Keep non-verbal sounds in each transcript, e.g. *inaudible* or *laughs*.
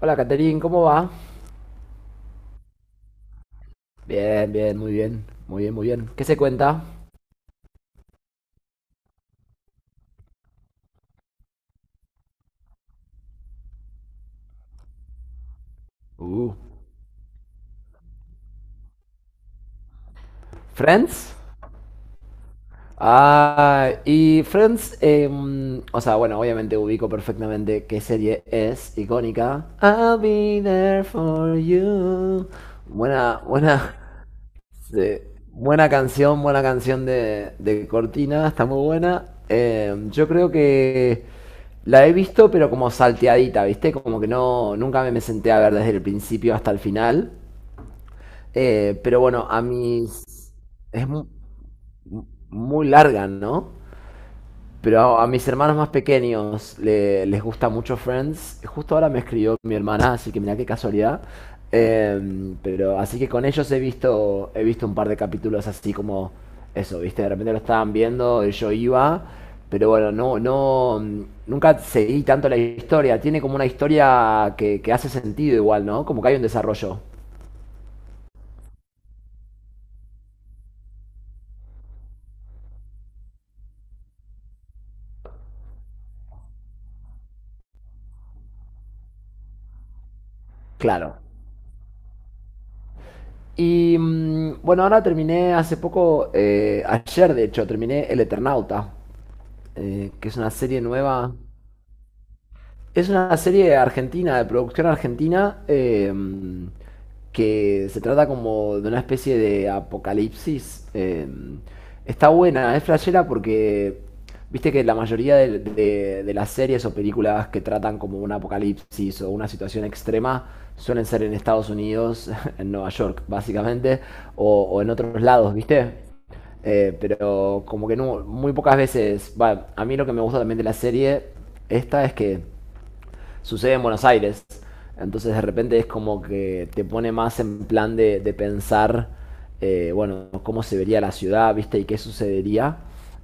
Hola, Caterin, ¿cómo va? Bien, bien, muy bien, muy bien, muy bien. ¿Qué se cuenta? Uh, ¿Friends? Ah, y Friends, o sea, bueno, obviamente ubico perfectamente qué serie es icónica. I'll be there for you. Buena, buena. Sí. Buena canción de Cortina, está muy buena. Yo creo que la he visto, pero como salteadita, ¿viste? Como que no, nunca me senté a ver desde el principio hasta el final. Pero bueno, a mis... Es mu- Muy larga, ¿no? Pero a mis hermanos más pequeños les gusta mucho Friends. Justo ahora me escribió mi hermana, así que mirá qué casualidad. Pero así que con ellos he visto un par de capítulos así como eso, ¿viste? De repente lo estaban viendo, y yo iba, pero bueno, nunca seguí tanto la historia. Tiene como una historia que hace sentido igual, ¿no? Como que hay un desarrollo. Claro. Y bueno, ahora terminé hace poco, ayer de hecho, terminé El Eternauta. Que es una serie nueva. Es una serie argentina, de producción argentina, que se trata como de una especie de apocalipsis. Está buena, es flashera porque viste que la mayoría de las series o películas que tratan como un apocalipsis o una situación extrema suelen ser en Estados Unidos, *laughs* en Nueva York, básicamente, o en otros lados, ¿viste? Pero como que no, muy pocas veces, va, a mí lo que me gusta también de la serie esta es que sucede en Buenos Aires. Entonces de repente es como que te pone más en plan de pensar. Bueno, cómo se vería la ciudad, ¿viste? Y qué sucedería,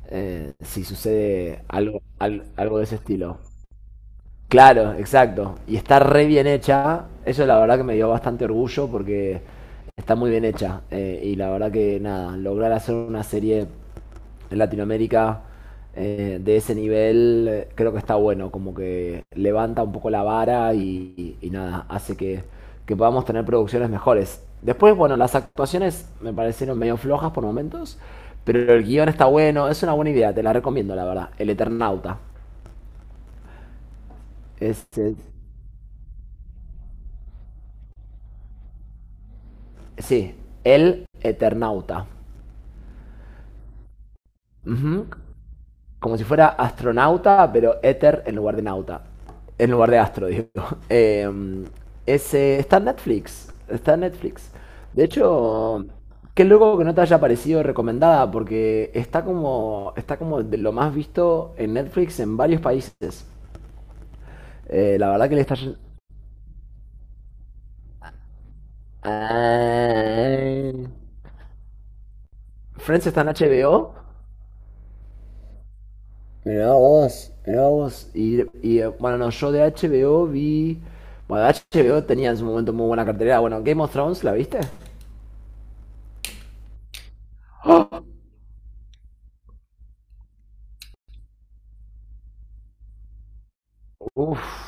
si sucede algo, algo de ese estilo. Claro, exacto. Y está re bien hecha. Eso la verdad que me dio bastante orgullo porque está muy bien hecha. Y la verdad que nada, lograr hacer una serie en Latinoamérica, de ese nivel, creo que está bueno. Como que levanta un poco la vara y nada, hace que podamos tener producciones mejores. Después, bueno, las actuaciones me parecieron medio flojas por momentos, pero el guión está bueno, es una buena idea, te la recomiendo, la verdad. El Eternauta. Es, es- Sí, el eternauta. Ujú. Como si fuera astronauta, pero éter en lugar de nauta. En lugar de astro, digo. *laughs* Eh, Ese, está en Netflix. Está en Netflix. De hecho, qué loco que no te haya parecido recomendada, porque está como de lo más visto en Netflix en varios países. La verdad que le está... yendo. Ah. Friends está en HBO. Mirá vos, mirá vos. Bueno, no, yo de HBO vi. Bueno, HBO tenía en su momento muy buena cartelera. Bueno, Game of Thrones, ¿la viste? Uf,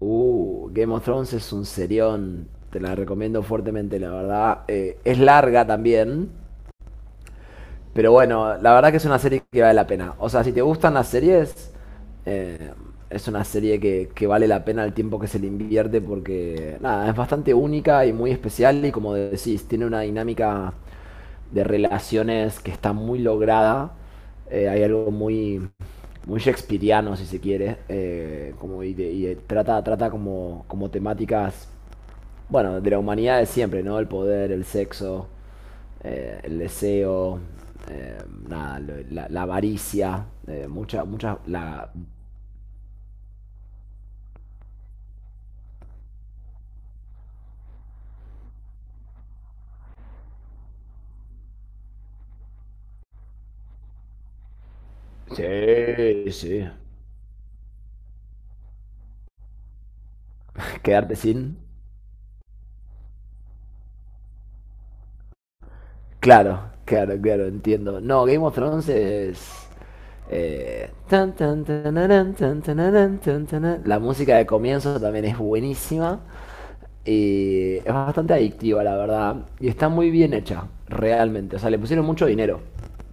Game of Thrones es un serión. Te la recomiendo fuertemente, la verdad. Es larga también. Pero bueno, la verdad que es una serie que vale la pena. O sea, si te gustan las series, eh, es una serie que vale la pena el tiempo que se le invierte porque, nada, es bastante única y muy especial y como decís, tiene una dinámica de relaciones que está muy lograda. Hay algo muy, muy shakespeariano, si se quiere, como y de- trata, trata como, como temáticas, bueno, de la humanidad de siempre, ¿no? El poder, el sexo, el deseo, eh, nada, la avaricia, mucha, mucha, la... Sí, sí. *laughs* Quedarte sin. Claro, claro, claro, entiendo. No, Game of Thrones es. Tan, tan, tanarán, tan, tanarán, tan, tanarán. La música de comienzo también es buenísima. Y es bastante adictiva, la verdad. Y está muy bien hecha, realmente. O sea, le pusieron mucho dinero,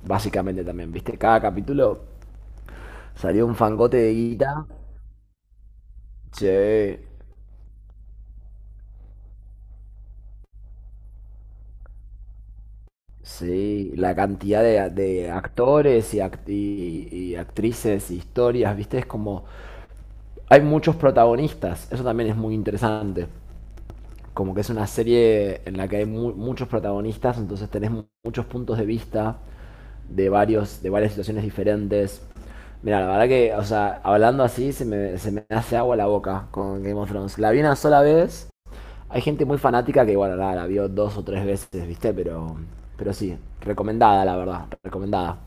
básicamente también, ¿viste? Cada capítulo salió un fangote de guita. Sí, sí. La cantidad de actores y y actrices, historias, ¿viste? Es como hay muchos protagonistas, eso también es muy interesante. Como que es una serie en la que hay muchos protagonistas, entonces tenés muchos puntos de vista varios, de varias situaciones diferentes. Mira, la verdad que, o sea, hablando así se me hace agua la boca con Game of Thrones. La vi una sola vez. Hay gente muy fanática que, bueno, la vio dos o tres veces, ¿viste? Pero sí, recomendada, la verdad, recomendada.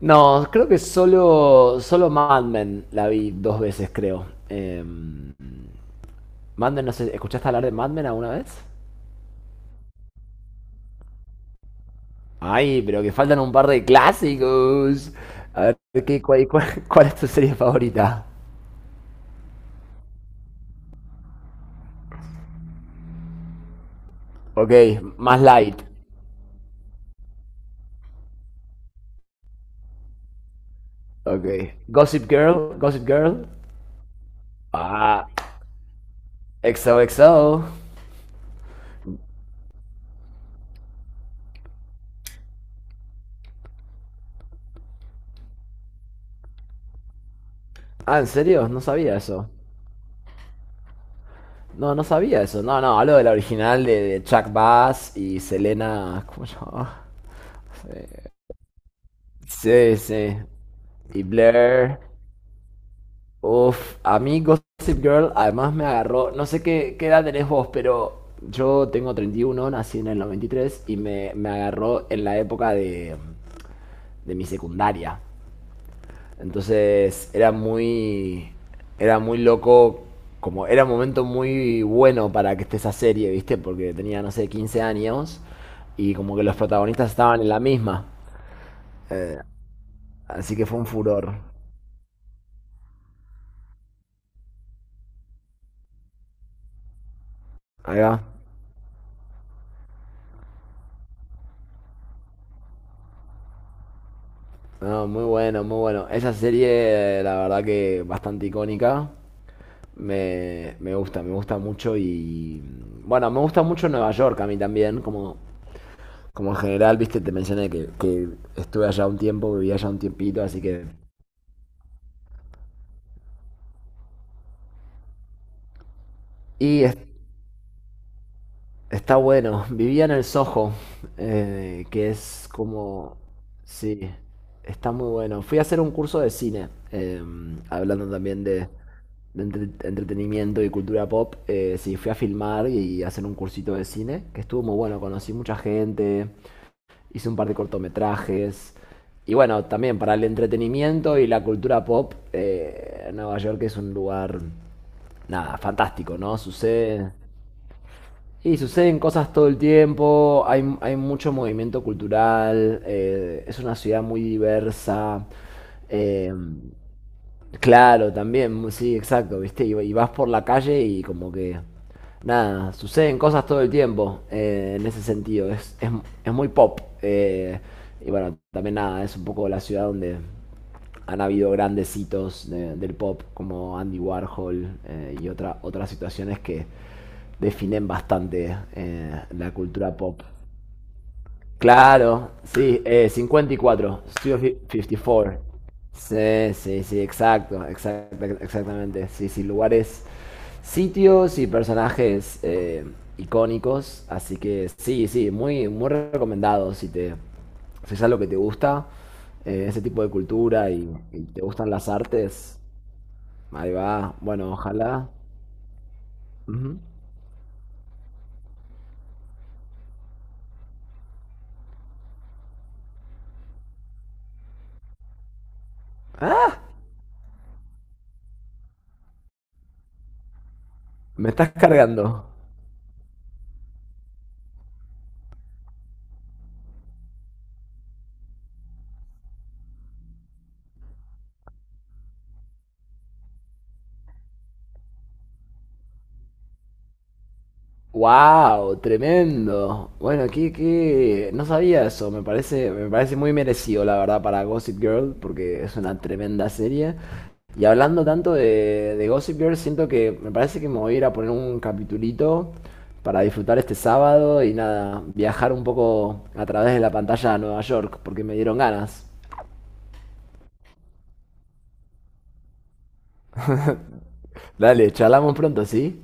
No, creo que solo Mad Men la vi dos veces, creo. Mad Men, no sé, ¿escuchaste hablar de Mad Men alguna vez? Ay, pero que faltan un par de clásicos. A ver, ¿ cuál es tu serie favorita? Ok, más light. Ok. Gossip Girl, Gossip Girl. Ah, XOXO. Ah, ¿en serio? No sabía eso. No, no sabía eso. No, no, hablo de la original de Chuck Bass y Selena. ¿Cómo se llama? Sí, sí. Y Blair. Uf, a mí Gossip Girl además me agarró. No sé qué, qué edad tenés vos, pero yo tengo 31, nací en el 93 y me agarró en la época de mi secundaria. Entonces era muy loco, como era un momento muy bueno para que esté esa serie, ¿viste? Porque tenía, no sé, 15 años y como que los protagonistas estaban en la misma. Así que fue un furor. Ahí va. No, muy bueno, muy bueno. Esa serie, la verdad que bastante icónica. Me gusta mucho y... Bueno, me gusta mucho Nueva York a mí también, como, como en general, viste, te mencioné que estuve allá un tiempo, viví allá un tiempito, así que... Y está bueno. Vivía en el Soho, que es como... Sí, está muy bueno. Fui a hacer un curso de cine, hablando también de entretenimiento y cultura pop. Sí, fui a filmar y hacer un cursito de cine, que estuvo muy bueno. Conocí mucha gente, hice un par de cortometrajes. Y bueno, también para el entretenimiento y la cultura pop, Nueva York es un lugar, nada, fantástico, ¿no? Sucede... Y suceden cosas todo el tiempo, hay mucho movimiento cultural, es una ciudad muy diversa. eh, Claro, también, sí, exacto, ¿viste? Y vas por la calle y como que... Nada, suceden cosas todo el tiempo, en ese sentido, es muy pop. Y bueno, también nada, es un poco la ciudad donde han habido grandes hitos del pop como Andy Warhol, otras situaciones que definen bastante, la cultura pop. Claro, sí, 54, 54. Sí, sí, sí, exacto, exactamente. Sí, sí, lugares, sitios y personajes, icónicos. Así que sí, sí, muy, muy recomendado si te, si es algo que te gusta, ese tipo de cultura y te gustan las artes. Ahí va, bueno, ojalá. Ujú. ¡Ah! Me estás cargando. Wow, tremendo. Bueno, no sabía eso. Me parece muy merecido, la verdad, para Gossip Girl, porque es una tremenda serie. Y hablando tanto de Gossip Girl, siento que me parece que me voy a ir a poner un capitulito para disfrutar este sábado y nada, viajar un poco a través de la pantalla a Nueva York, porque me dieron ganas. Dale, charlamos pronto, ¿sí?